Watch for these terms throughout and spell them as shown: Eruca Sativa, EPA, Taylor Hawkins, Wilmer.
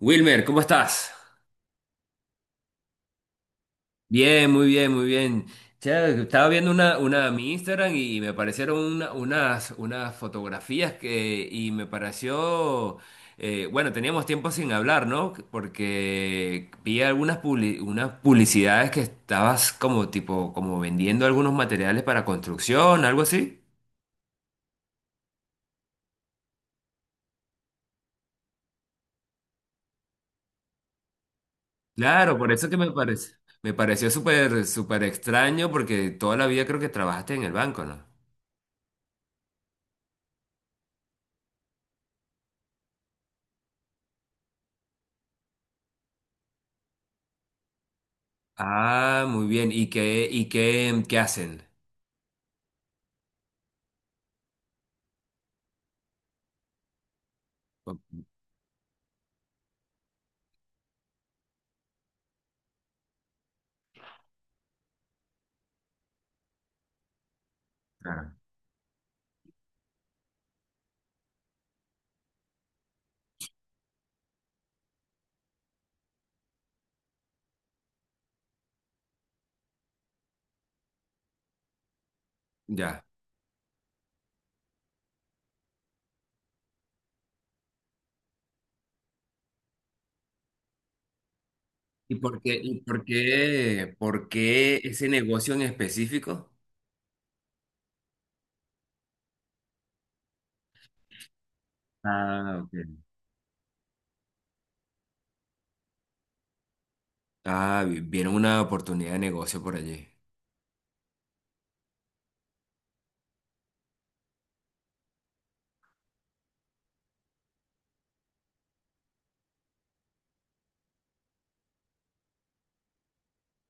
Wilmer, ¿cómo estás? Bien, muy bien, muy bien. Che, estaba viendo mi Instagram y me aparecieron unas fotografías y me pareció, bueno, teníamos tiempo sin hablar, ¿no? Porque vi unas publicidades que estabas como tipo, como vendiendo algunos materiales para construcción, algo así. Claro, por eso que me parece, me pareció súper extraño porque toda la vida creo que trabajaste en el banco, ¿no? Ah, muy bien. ¿Qué hacen? Claro. Ya. ¿Por qué ese negocio en específico? Ah, ok. Ah, vieron una oportunidad de negocio por allí.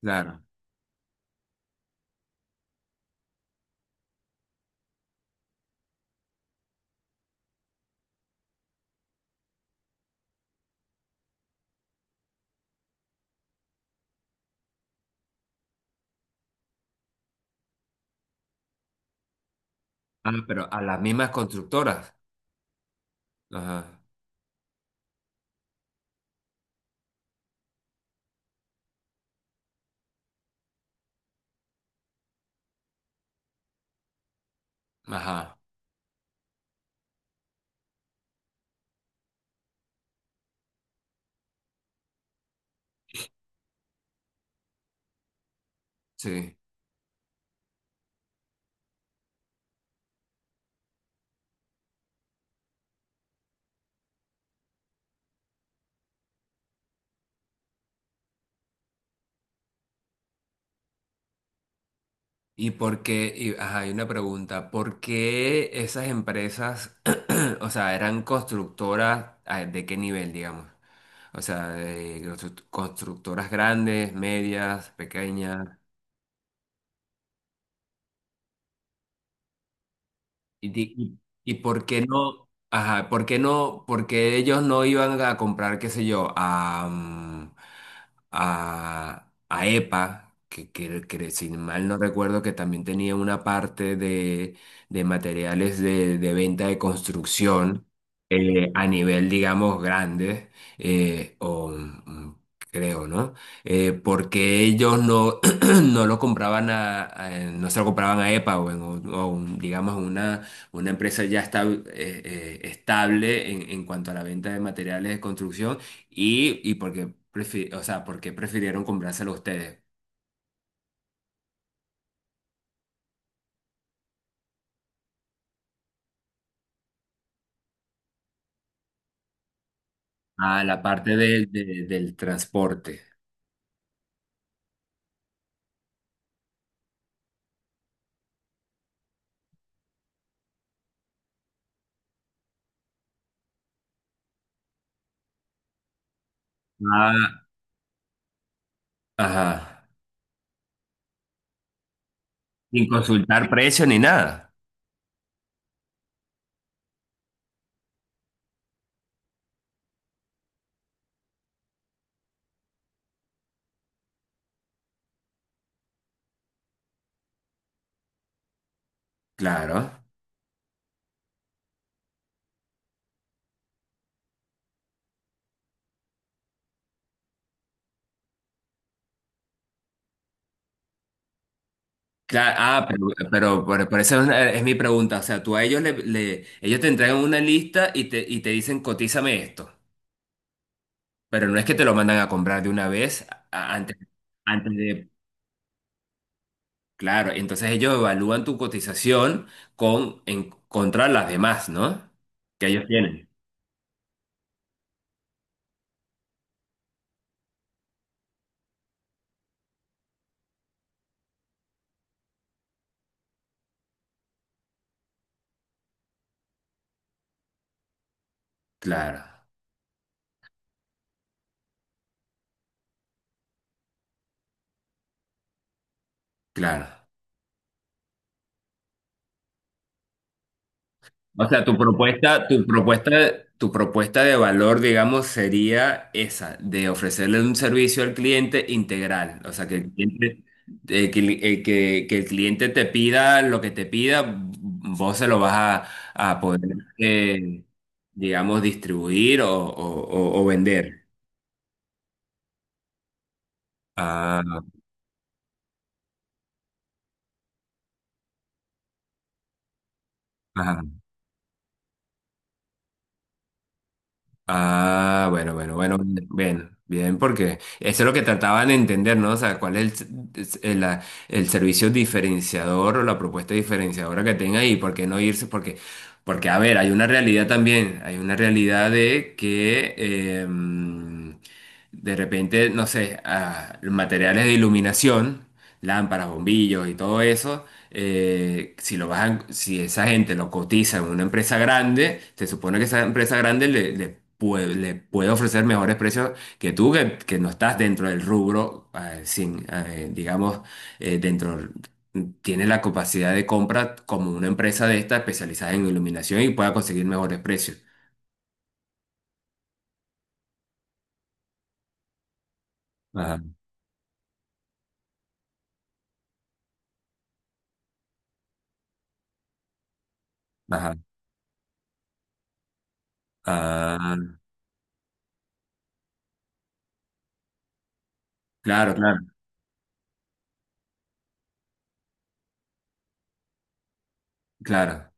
Claro. Ah, pero a las mismas constructoras. Ajá. Ajá. Sí. ¿Y por qué? Y- ajá, hay una pregunta. ¿Por qué esas empresas, o sea, eran constructoras, ah, de qué nivel, digamos? O sea, constructoras grandes, medias, pequeñas? Y, di- y, ¿por qué ellos no iban a comprar, qué sé yo, a EPA, que si mal no recuerdo que también tenía una parte de materiales de venta de construcción, a nivel, digamos, grande, eh, o mm, creo, ¿no? ¿Porque ellos no, no lo compraban no se lo compraban a EPA o en un- o un, digamos, una empresa ya está, estable en cuanto a la venta de materiales de construcción y, y por qué, o sea, por qué prefirieron comprárselo a ustedes? Ah, la parte del transporte. Ah, ajá. Sin consultar precio ni nada. Claro. Claro, ah, por eso es, es mi pregunta. O sea, tú a ellos ellos te entregan una lista y te dicen, cotízame esto. Pero no es que te lo mandan a comprar de una vez antes, antes de... Claro, entonces ellos evalúan tu cotización con, en, contra las demás, ¿no? Que ellos tienen. Claro, claro. O sea, tu propuesta de valor, digamos, sería esa, de ofrecerle un servicio al cliente integral. O sea, que el cliente, que el cliente te pida lo que te pida, vos se lo vas a poder, eh, digamos, distribuir o, o vender. Ah, ajá. Ah, bueno, bien, bien, porque eso es lo que trataban de entender, ¿no? O sea, cuál es el servicio diferenciador o la propuesta diferenciadora que tenga y por qué no irse, a ver, hay una realidad también, hay una realidad de que em, de repente, no sé, ah, los materiales de iluminación, lámparas, bombillos y todo eso, si esa gente lo cotiza en una empresa grande, se supone que esa empresa grande le puede ofrecer mejores precios que tú, que no estás dentro del rubro, sin, digamos, eh, dentro, tiene la capacidad de compra como una empresa de esta especializada en iluminación y pueda conseguir mejores precios. Ajá, ajá. Ah, claro, claro, claro.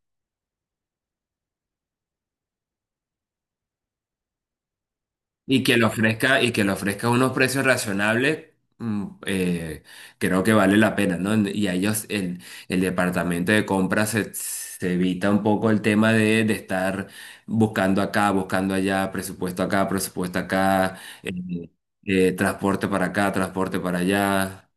Y que le ofrezca, y que le ofrezca unos precios razonables, mm, creo que vale la pena, ¿no? Y a ellos, el departamento de compras se, se evita un poco el tema de estar buscando acá, buscando allá, presupuesto acá, transporte para acá, transporte para allá.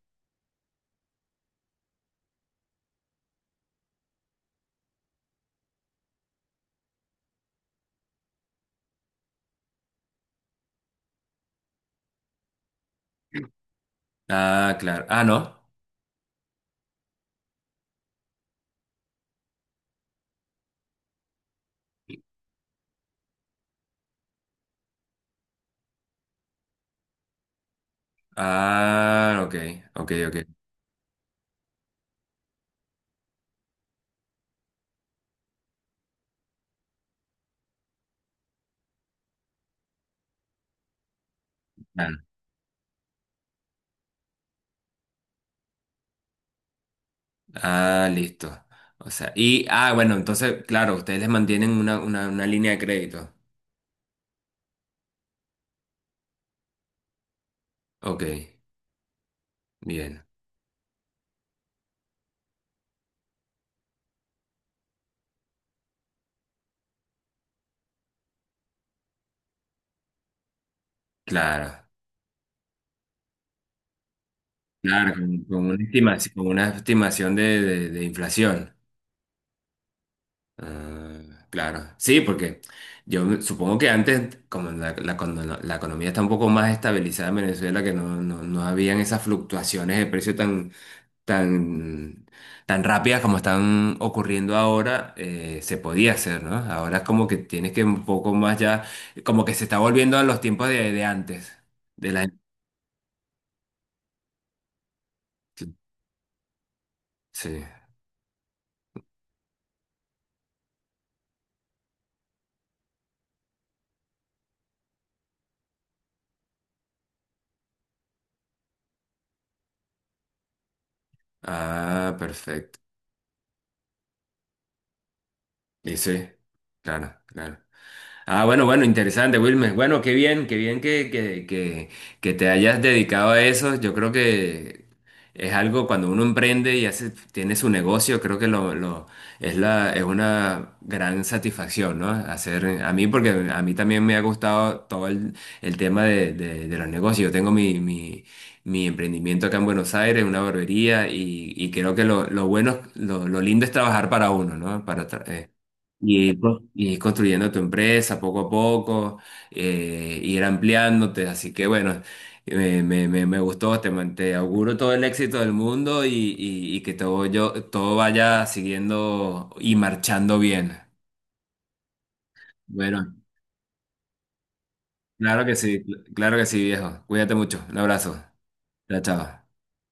Ah, claro. Ah, no. Ah, ok, ok, ok. Claro. Ah, listo. O sea, y, ah, bueno, entonces, claro, ustedes les mantienen una línea de crédito. Ok, bien, claro, claro, con, con una estimación de, de inflación. Ah, claro, sí, porque yo supongo que antes, como la economía está un poco más estabilizada en Venezuela, que no habían esas fluctuaciones de precio tan, tan rápidas como están ocurriendo ahora, se podía hacer, ¿no? Ahora es como que tienes que un poco más ya, como que se está volviendo a los tiempos de antes, de la... Sí. Ah, perfecto. Y sí, claro, claro. Ah, bueno, bueno, interesante, Wilmer. Bueno, qué bien que te hayas dedicado a eso. Yo creo que es algo cuando uno emprende y hace, tiene su negocio, creo que es es una gran satisfacción, ¿no? Hacer, a mí, porque a mí también me ha gustado todo el tema de los negocios. Yo tengo mi emprendimiento acá en Buenos Aires, una barbería, y creo que lo bueno, lo lindo es trabajar para uno, ¿no? Para, y ir, y ir construyendo tu empresa poco a poco, ir ampliándote. Así que bueno, me gustó, te, te auguro todo el éxito del mundo y que todo, yo, todo vaya siguiendo y marchando bien. Bueno, claro que sí, claro que sí, viejo. Cuídate mucho. Un abrazo. Chao, chao.